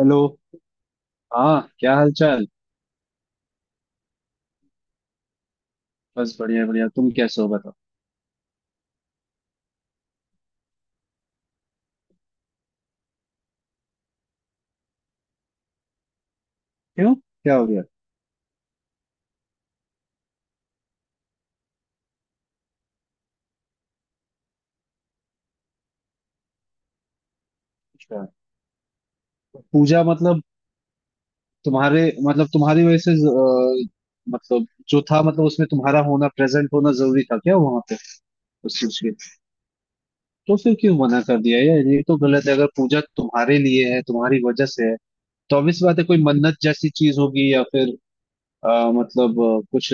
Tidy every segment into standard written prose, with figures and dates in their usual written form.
Hello. हाँ, क्या हाल चाल। बस, बढ़िया बढ़िया। तुम कैसे हो बताओ। क्यों, क्या हो गया। अच्छा, पूजा मतलब तुम्हारे, मतलब तुम्हारी वजह से मतलब जो था, मतलब उसमें तुम्हारा होना, प्रेजेंट होना जरूरी था क्या वहां पे, उस चीज के? तो फिर क्यों मना कर दिया यार, ये तो गलत है। अगर पूजा तुम्हारे लिए है, तुम्हारी वजह से है, तो obvious बात है कोई मन्नत जैसी चीज होगी या फिर मतलब कुछ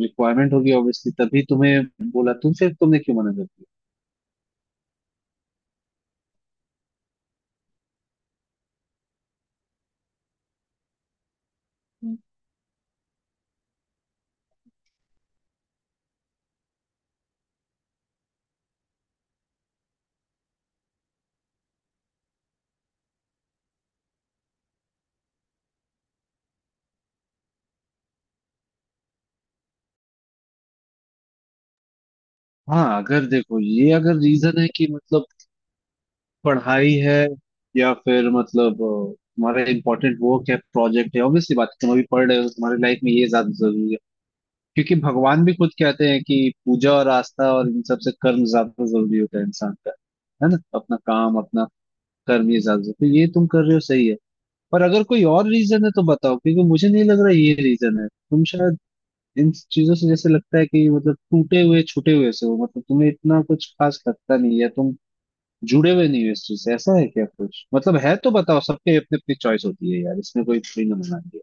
रिक्वायरमेंट होगी, ऑब्वियसली, तभी तुम्हें बोला। तुम फिर तुमने क्यों मना कर दिया? हाँ, अगर देखो ये, अगर रीजन है कि मतलब पढ़ाई है या फिर मतलब तुम्हारा इम्पोर्टेंट वर्क है, प्रोजेक्ट है, ऑब्वियसली बात है, तुम अभी पढ़ रहे हो, तुम्हारी लाइफ में ये ज्यादा जरूरी है क्योंकि भगवान भी खुद कहते हैं कि पूजा और आस्था और इन सब से कर्म ज्यादा जरूरी होता है इंसान का। है ना? अपना काम, अपना कर्म, ये ज्यादा जरूरी। तो ये तुम कर रहे हो, सही है। पर अगर कोई और रीजन है तो बताओ क्योंकि मुझे नहीं लग रहा ये रीजन है। तुम शायद इन चीजों से, जैसे लगता है कि मतलब टूटे हुए छूटे हुए से हो, मतलब तुम्हें इतना कुछ खास लगता नहीं है, तुम जुड़े हुए नहीं हो इस चीज से। ऐसा है क्या कुछ, मतलब है तो बताओ, सबके अपनी अपनी चॉइस होती है यार, इसमें कोई फ्री ना मना दिया।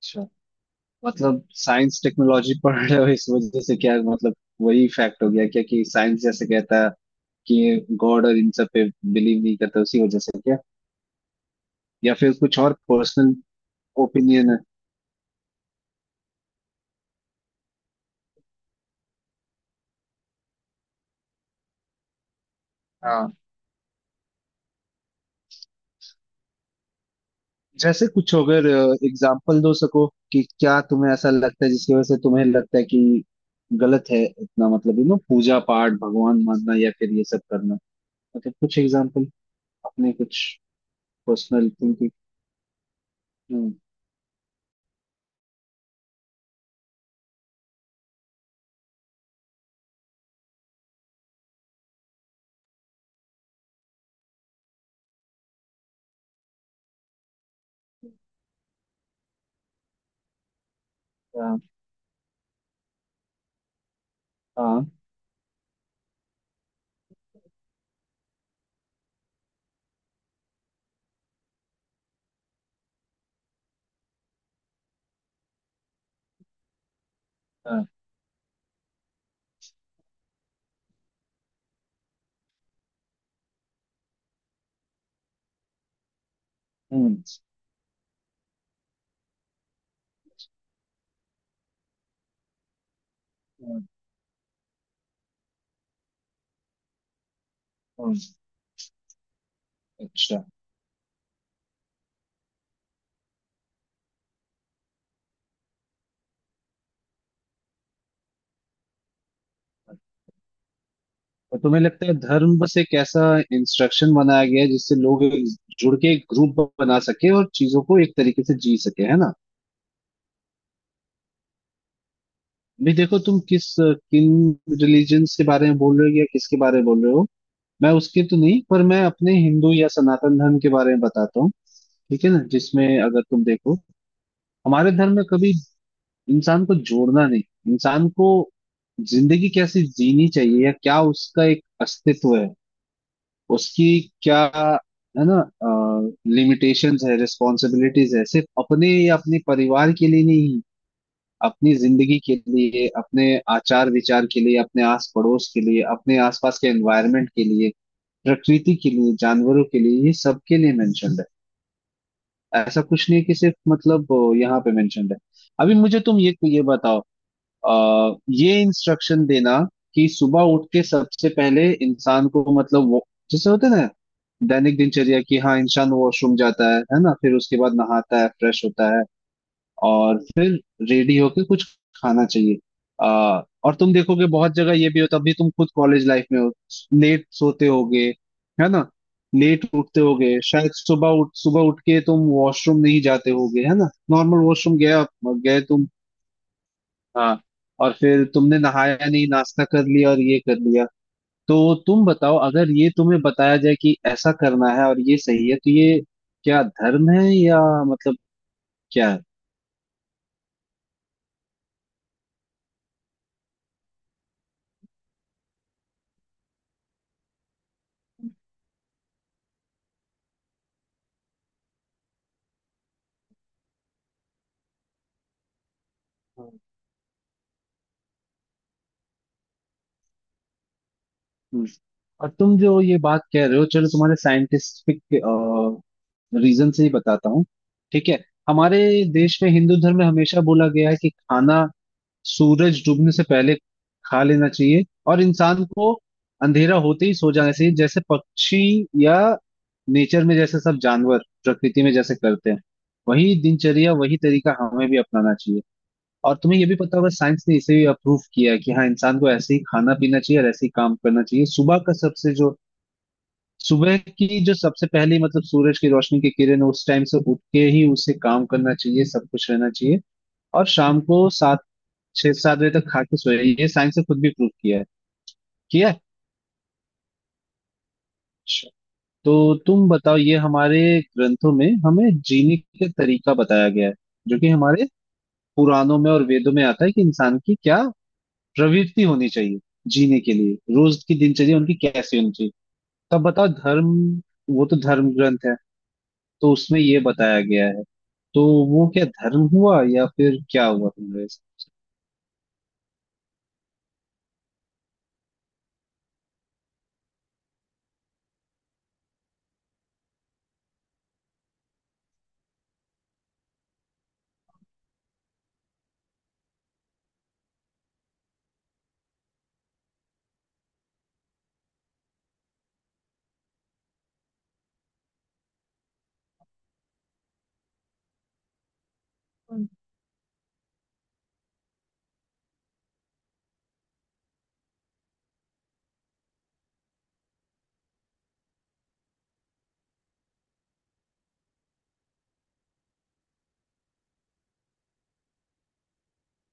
अच्छा, मतलब साइंस टेक्नोलॉजी पढ़ रहे हो इस वजह से क्या, मतलब वही फैक्ट हो गया क्या कि साइंस जैसे कहता है कि गॉड और इन सब पे बिलीव नहीं करता, उसी वजह से क्या? या फिर कुछ और पर्सनल ओपिनियन है? हाँ। जैसे कुछ अगर एग्जाम्पल दो सको कि क्या तुम्हें ऐसा लगता है जिसकी वजह से तुम्हें लगता है कि गलत है इतना, मतलब यू नो पूजा पाठ भगवान मानना या फिर ये सब करना। ओके, कुछ एग्जांपल अपने, कुछ पर्सनल थिंकिंग। हम्म। आ, आ, आ, हम्म। हम्म। हम्म। अच्छा, तो तुम्हें लगता है धर्म बस एक ऐसा इंस्ट्रक्शन बनाया गया है जिससे लोग एक जुड़ के एक ग्रुप बना सके और चीजों को एक तरीके से जी सके, है ना? भी देखो तुम किस, किन रिलीजन्स के बारे में बोल रहे हो या किसके बारे में बोल रहे हो। मैं उसके तो नहीं, पर मैं अपने हिंदू या सनातन धर्म के बारे में बताता हूँ, ठीक है ना, जिसमें अगर तुम देखो, हमारे धर्म में कभी इंसान को जोड़ना नहीं, इंसान को जिंदगी कैसे जीनी चाहिए या क्या उसका एक अस्तित्व है, उसकी क्या, है ना, लिमिटेशंस है, रिस्पॉन्सिबिलिटीज है सिर्फ अपने या अपने परिवार के लिए नहीं, अपनी जिंदगी के लिए, अपने आचार विचार के लिए, अपने आस पड़ोस के लिए, अपने आसपास के एनवायरनमेंट के लिए, प्रकृति के लिए, जानवरों के लिए, ये सबके लिए मेंशनड है। ऐसा कुछ नहीं है कि सिर्फ मतलब यहाँ पे मेंशनड है। अभी मुझे तुम ये बताओ, ये इंस्ट्रक्शन देना कि सुबह उठ के सबसे पहले इंसान को, मतलब वो जैसे होता है ना, दैनिक दिनचर्या की, हाँ, इंसान वॉशरूम जाता है ना, फिर उसके बाद नहाता है, फ्रेश होता है और फिर रेडी होके कुछ खाना चाहिए। और तुम देखोगे बहुत जगह ये भी होता, अभी तुम खुद कॉलेज लाइफ में हो, लेट सोते होगे, है ना, लेट उठते होगे, शायद सुबह उठ के तुम वॉशरूम नहीं जाते होगे, है ना, नॉर्मल वॉशरूम गया, गए तुम। हाँ। और फिर तुमने नहाया नहीं, नाश्ता कर लिया और ये कर लिया। तो तुम बताओ, अगर ये तुम्हें बताया जाए कि ऐसा करना है और ये सही है तो ये क्या धर्म है या मतलब क्या है? हाँ। हम्म। और तुम जो ये बात कह रहे हो, चलो तुम्हारे साइंटिफिक रीजन से ही बताता हूँ, ठीक है। हमारे देश में हिंदू धर्म में हमेशा बोला गया है कि खाना सूरज डूबने से पहले खा लेना चाहिए, और इंसान को अंधेरा होते ही सो जाना चाहिए, जैसे पक्षी या नेचर में जैसे सब जानवर, प्रकृति में जैसे करते हैं, वही दिनचर्या, वही तरीका हमें भी अपनाना चाहिए। और तुम्हें ये भी पता होगा, साइंस ने इसे भी अप्रूव किया है कि हाँ, इंसान को ऐसे ही खाना पीना चाहिए और ऐसे ही काम करना चाहिए। सुबह की जो सबसे पहली, मतलब सूरज की रोशनी की किरण, उस टाइम से उठ के ही उसे काम करना चाहिए, सब कुछ रहना चाहिए। और शाम को सात 6-7 बजे तक खा के सोए, ये साइंस ने खुद भी प्रूव किया है, किया है। अच्छा। तो तुम बताओ, ये हमारे ग्रंथों में हमें जीने का तरीका बताया गया है, जो कि हमारे पुराणों में और वेदों में आता है कि इंसान की क्या प्रवृत्ति होनी चाहिए जीने के लिए, रोज की दिनचर्या उनकी कैसी होनी चाहिए। तब बताओ धर्म, वो तो धर्म ग्रंथ है, तो उसमें ये बताया गया है, तो वो क्या धर्म हुआ या फिर क्या हुआ तुम्हारे?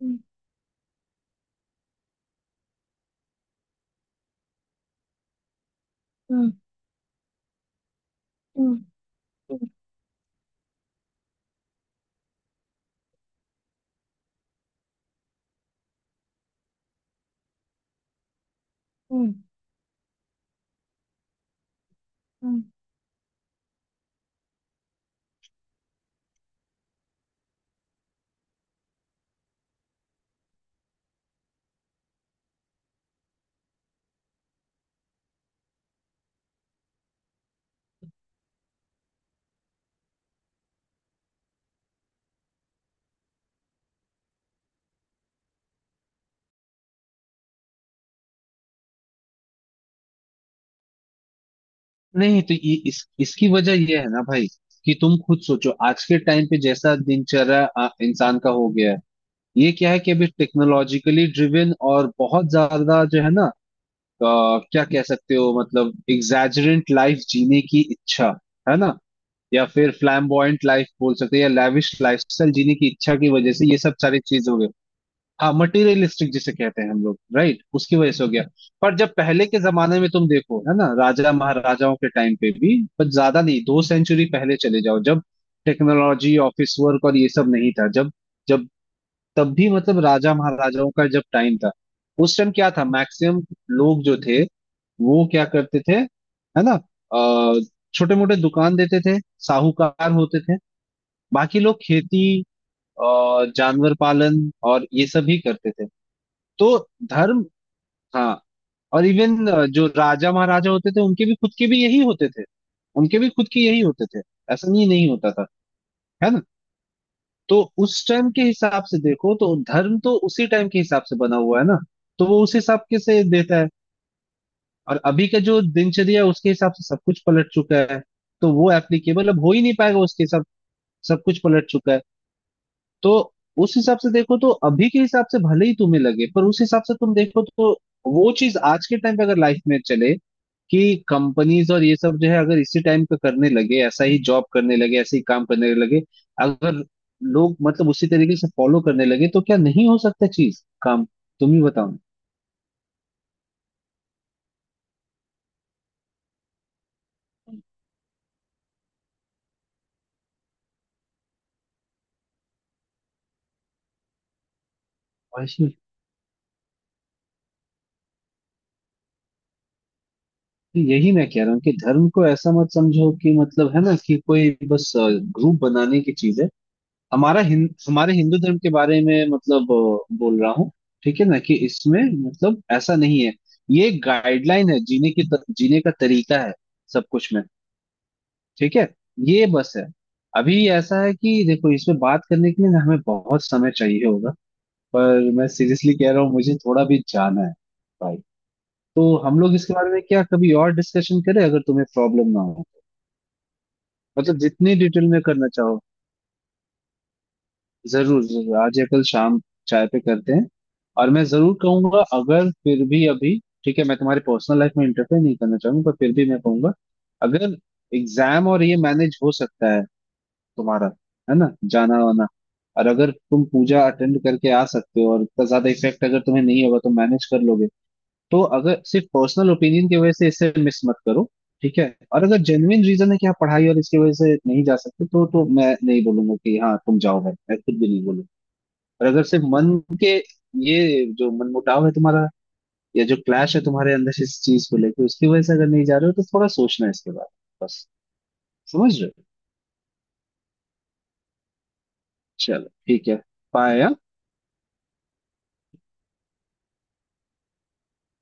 हम्म। हम्म। हम्म। हम्म। हम्म। नहीं, तो ये इस इसकी वजह ये है ना भाई कि तुम खुद सोचो आज के टाइम पे जैसा दिनचर्या इंसान का हो गया है, ये क्या है कि अभी टेक्नोलॉजिकली ड्रिवन और बहुत ज्यादा जो है ना, अ, क्या कह सकते हो, मतलब एग्जैजरेंट लाइफ जीने की इच्छा, है ना, या फिर फ्लैम्बॉयंट लाइफ बोल सकते हैं या लैविश लाइफस्टाइल जीने की इच्छा की वजह से ये सब सारी चीज हो गई। हाँ, मटेरियलिस्टिक जिसे कहते हैं हम लोग, राइट, उसकी वजह से हो गया। पर जब पहले के जमाने में तुम देखो, है ना, राजा महाराजाओं के टाइम पे भी, पर ज्यादा नहीं, 2 सेंचुरी पहले चले जाओ, जब टेक्नोलॉजी, ऑफिस वर्क और ये सब नहीं था, जब जब तब भी, मतलब राजा महाराजाओं का जब टाइम था, उस टाइम क्या था, मैक्सिमम लोग जो थे वो क्या करते थे, है ना, छोटे मोटे दुकान देते थे, साहूकार होते थे, बाकी लोग खेती, अ, जानवर पालन और ये सब ही करते थे। तो धर्म, हाँ, और इवन जो राजा महाराजा होते थे, उनके भी खुद के भी यही होते थे, उनके भी खुद के यही होते थे, ऐसा नहीं नहीं होता था, है ना। तो उस टाइम के हिसाब से देखो तो धर्म तो उसी टाइम के हिसाब से बना हुआ है ना, तो वो उस हिसाब के से देता है। और अभी का जो दिनचर्या है, उसके हिसाब से सब कुछ पलट चुका है, तो वो एप्लीकेबल अब हो ही नहीं पाएगा उसके हिसाब। सब कुछ पलट चुका है। तो उस हिसाब से देखो तो अभी के हिसाब से भले ही तुम्हें लगे, पर उस हिसाब से तुम देखो तो वो चीज आज के टाइम पे अगर लाइफ में चले कि कंपनीज और ये सब जो है, अगर इसी टाइम पे करने लगे, ऐसा ही जॉब करने लगे, ऐसे ही काम करने लगे, अगर लोग मतलब उसी तरीके से फॉलो करने लगे तो क्या नहीं हो सकता, चीज काम? तुम ही बताओ ना। वैसे यही मैं कह रहा हूँ कि धर्म को ऐसा मत समझो कि मतलब है ना कि कोई बस ग्रुप बनाने की चीज है। हमारे हिंदू धर्म के बारे में मतलब बोल रहा हूँ, ठीक है ना, कि इसमें, मतलब ऐसा नहीं है, ये गाइडलाइन है, जीने का तरीका है, सब कुछ में। ठीक है, ये बस है। अभी ऐसा है कि देखो, इसमें बात करने के लिए ना हमें बहुत समय चाहिए होगा, पर मैं सीरियसली कह रहा हूँ, मुझे थोड़ा भी जाना है भाई। तो हम लोग इसके बारे में क्या कभी और डिस्कशन करें, अगर तुम्हें प्रॉब्लम ना हो, मतलब जितनी डिटेल में करना चाहो। जरूर जरूर, आज या कल शाम चाय पे करते हैं। और मैं जरूर कहूंगा, अगर फिर भी अभी, ठीक है मैं तुम्हारी पर्सनल लाइफ में इंटरफेयर नहीं करना चाहूंगा, पर फिर भी मैं कहूंगा, अगर एग्जाम और ये मैनेज हो सकता है तुम्हारा, है ना, जाना वाना, और अगर तुम पूजा अटेंड करके आ सकते हो और इतना ज्यादा इफेक्ट अगर तुम्हें नहीं होगा तो मैनेज कर लोगे, तो अगर सिर्फ पर्सनल ओपिनियन की वजह से इसे मिस मत करो, ठीक है। और अगर जेन्युइन रीजन है कि आप पढ़ाई और इसकी वजह से नहीं जा सकते तो मैं नहीं बोलूंगा कि हाँ तुम जाओ भाई, मैं खुद भी नहीं बोलूंगा। और अगर सिर्फ मन के, ये जो मनमुटाव है तुम्हारा या जो क्लैश है तुम्हारे अंदर, इस चीज को लेके उसकी वजह से अगर नहीं जा रहे हो तो थोड़ा सोचना है इसके बारे में बस, समझ रहे हो? चलो ठीक है। बाय।